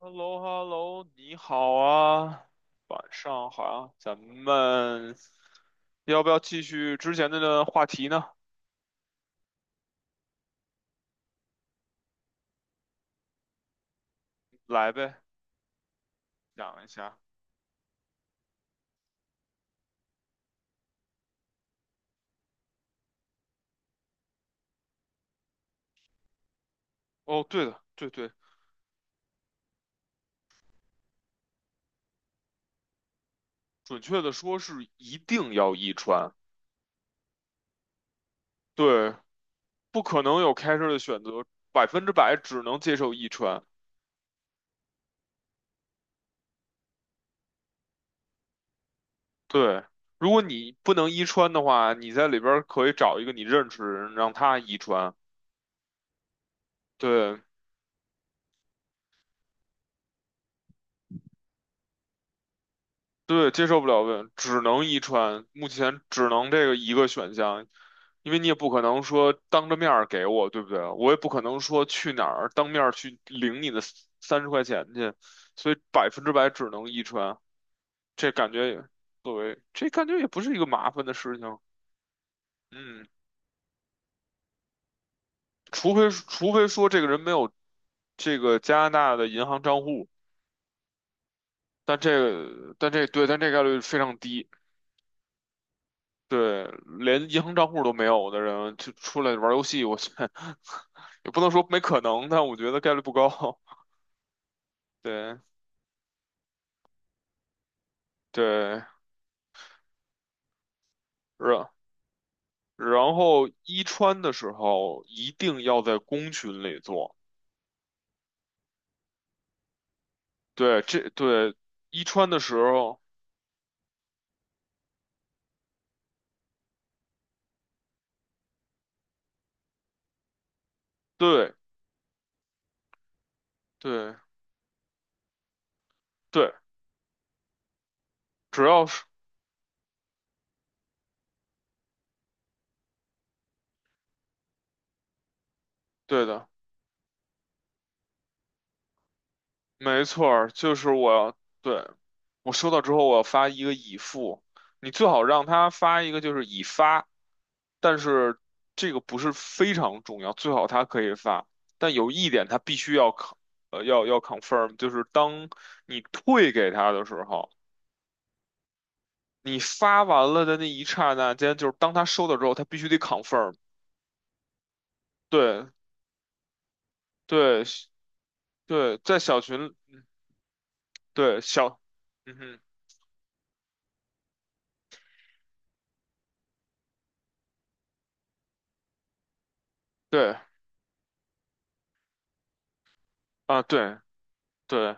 h e l l o h e l l o 你好啊，晚上好啊，咱们要不要继续之前的话题呢？来呗，讲一下。哦，对的，对对，准确的说是一定要一穿。对，不可能有开车的选择，百分之百只能接受一穿。对，如果你不能一穿的话，你在里边儿可以找一个你认识的人让他一穿。对。对，接受不了问，只能遗传，目前只能这个一个选项，因为你也不可能说当着面儿给我，对不对？我也不可能说去哪儿当面儿去领你的30块钱去，所以百分之百只能遗传。这感觉也，为这感觉也不是一个麻烦的事情。嗯，除非说这个人没有这个加拿大的银行账户，但这概率非常低。对，连银行账户都没有的人，就出来玩游戏，我去，也不能说没可能，但我觉得概率不高。对对，然然后一穿的时候一定要在公群里做。对，这对一穿的时候，对对对，只要是对的。没错儿，就是我要对，我收到之后我要发一个已付，你最好让他发一个就是已发。但是这个不是非常重要，最好他可以发，但有一点他必须要 c 呃要要 confirm，就是当你退给他的时候，你发完了的那一刹那间，就是当他收到之后，他必须得 confirm。对对对，在小群对小，嗯哼，对啊对。对。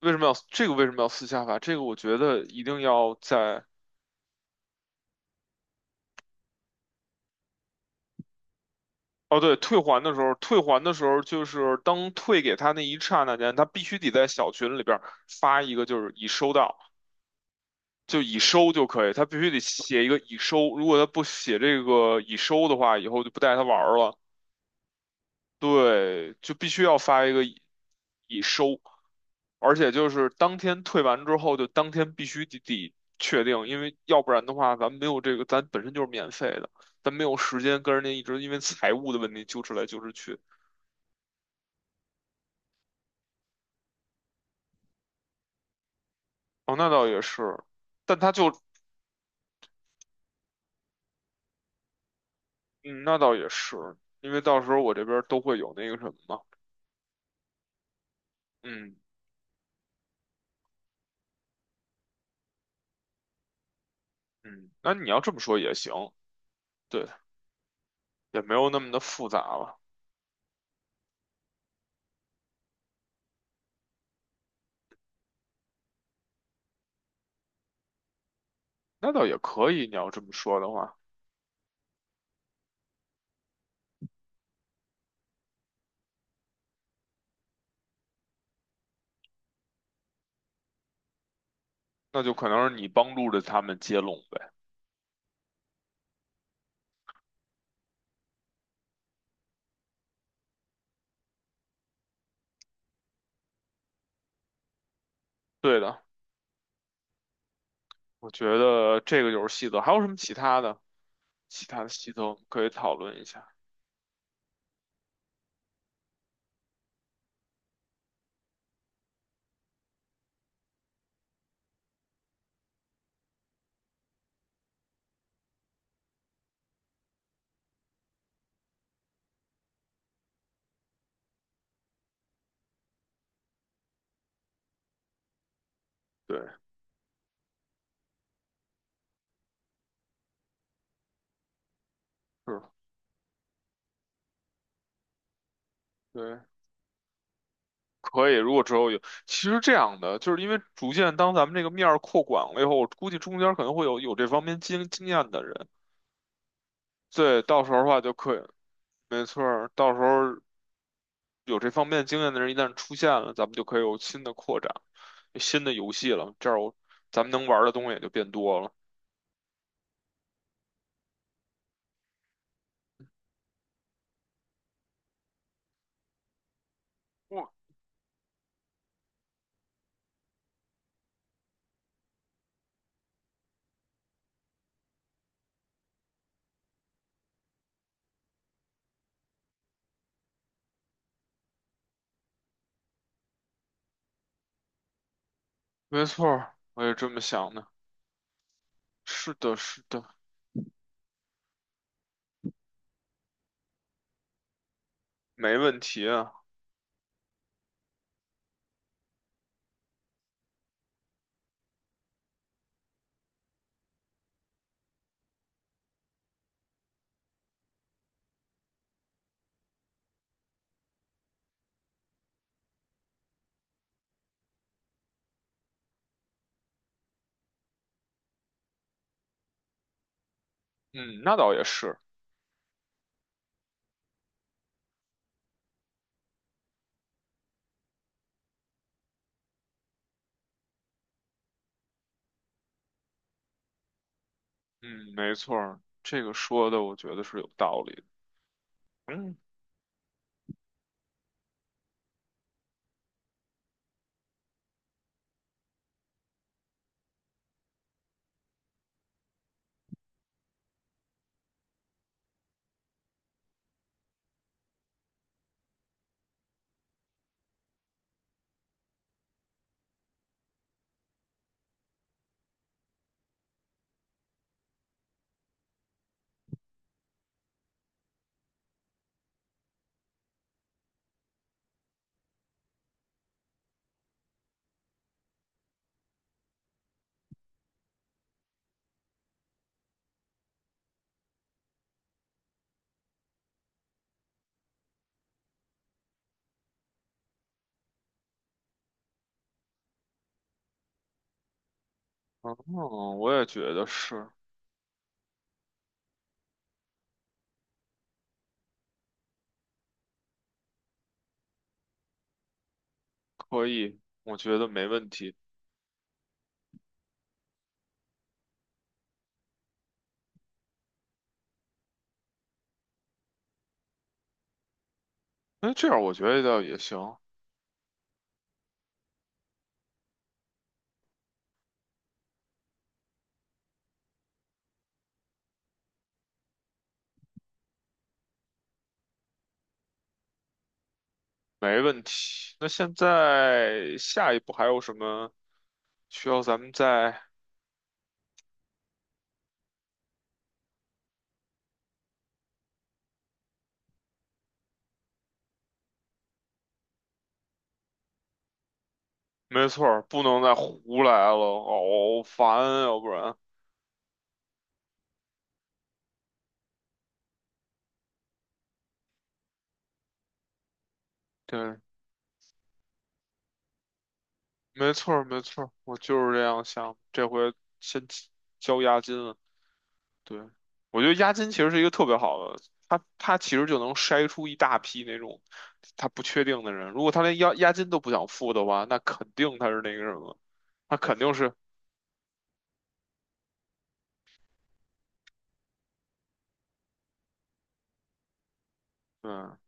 为什么要私下发？这个我觉得一定要在哦，对，退还的时候就是当退给他那一刹那间，他必须得在小群里边儿发一个，就是已收到，就已收就可以，他必须得写一个已收。如果他不写这个已收的话，以后就不带他玩儿了。对，就必须要发一个已收。而且就是当天退完之后，就当天必须得确定，因为要不然的话，咱没有这个，咱本身就是免费的，咱没有时间跟人家一直因为财务的问题纠缠来纠缠去。哦，那倒也是。但他就，嗯，那倒也是，因为到时候我这边都会有那个什么嘛。嗯嗯，那你要这么说也行。对，也没有那么的复杂了。那倒也可以，你要这么说的话，那就可能是你帮助着他们接龙呗。对的，我觉得这个就是细则。还有什么其他的？其他的系统可以讨论一下。对，是，对。可以。如果之后有，其实这样的，就是因为逐渐当咱们这个面儿扩广了以后，我估计中间可能会有这方面经验的人。对，到时候的话就可以。没错儿，到时候有这方面经验的人一旦出现了，咱们就可以有新的扩展，新的游戏了。这样咱们能玩儿的东西也就变多了。我没错儿，我也这么想的。是的，是的，没问题啊。嗯，那倒也是。嗯，没错儿，这个说的我觉得是有道理的。嗯，哦，我也觉得是可以，我觉得没问题。那这样我觉得倒也行。没问题。那现在下一步还有什么需要咱们再？没错儿，不能再胡来了，好烦啊要不然。对，没错儿，没错儿，我就是这样想，这回先交押金了。对，我觉得押金其实是一个特别好的，他其实就能筛出一大批那种他不确定的人。如果他连押金都不想付的话，那肯定他是那个什么，他肯定是嗯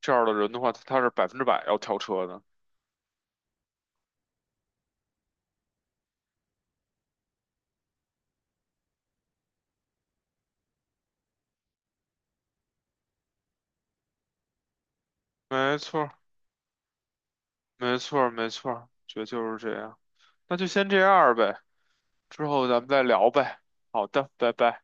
这样的人的话，他是百分之百要跳车的。没错儿没错儿没错儿，觉得就是这样。那就先这样儿呗，之后咱们再聊呗。好的，拜拜。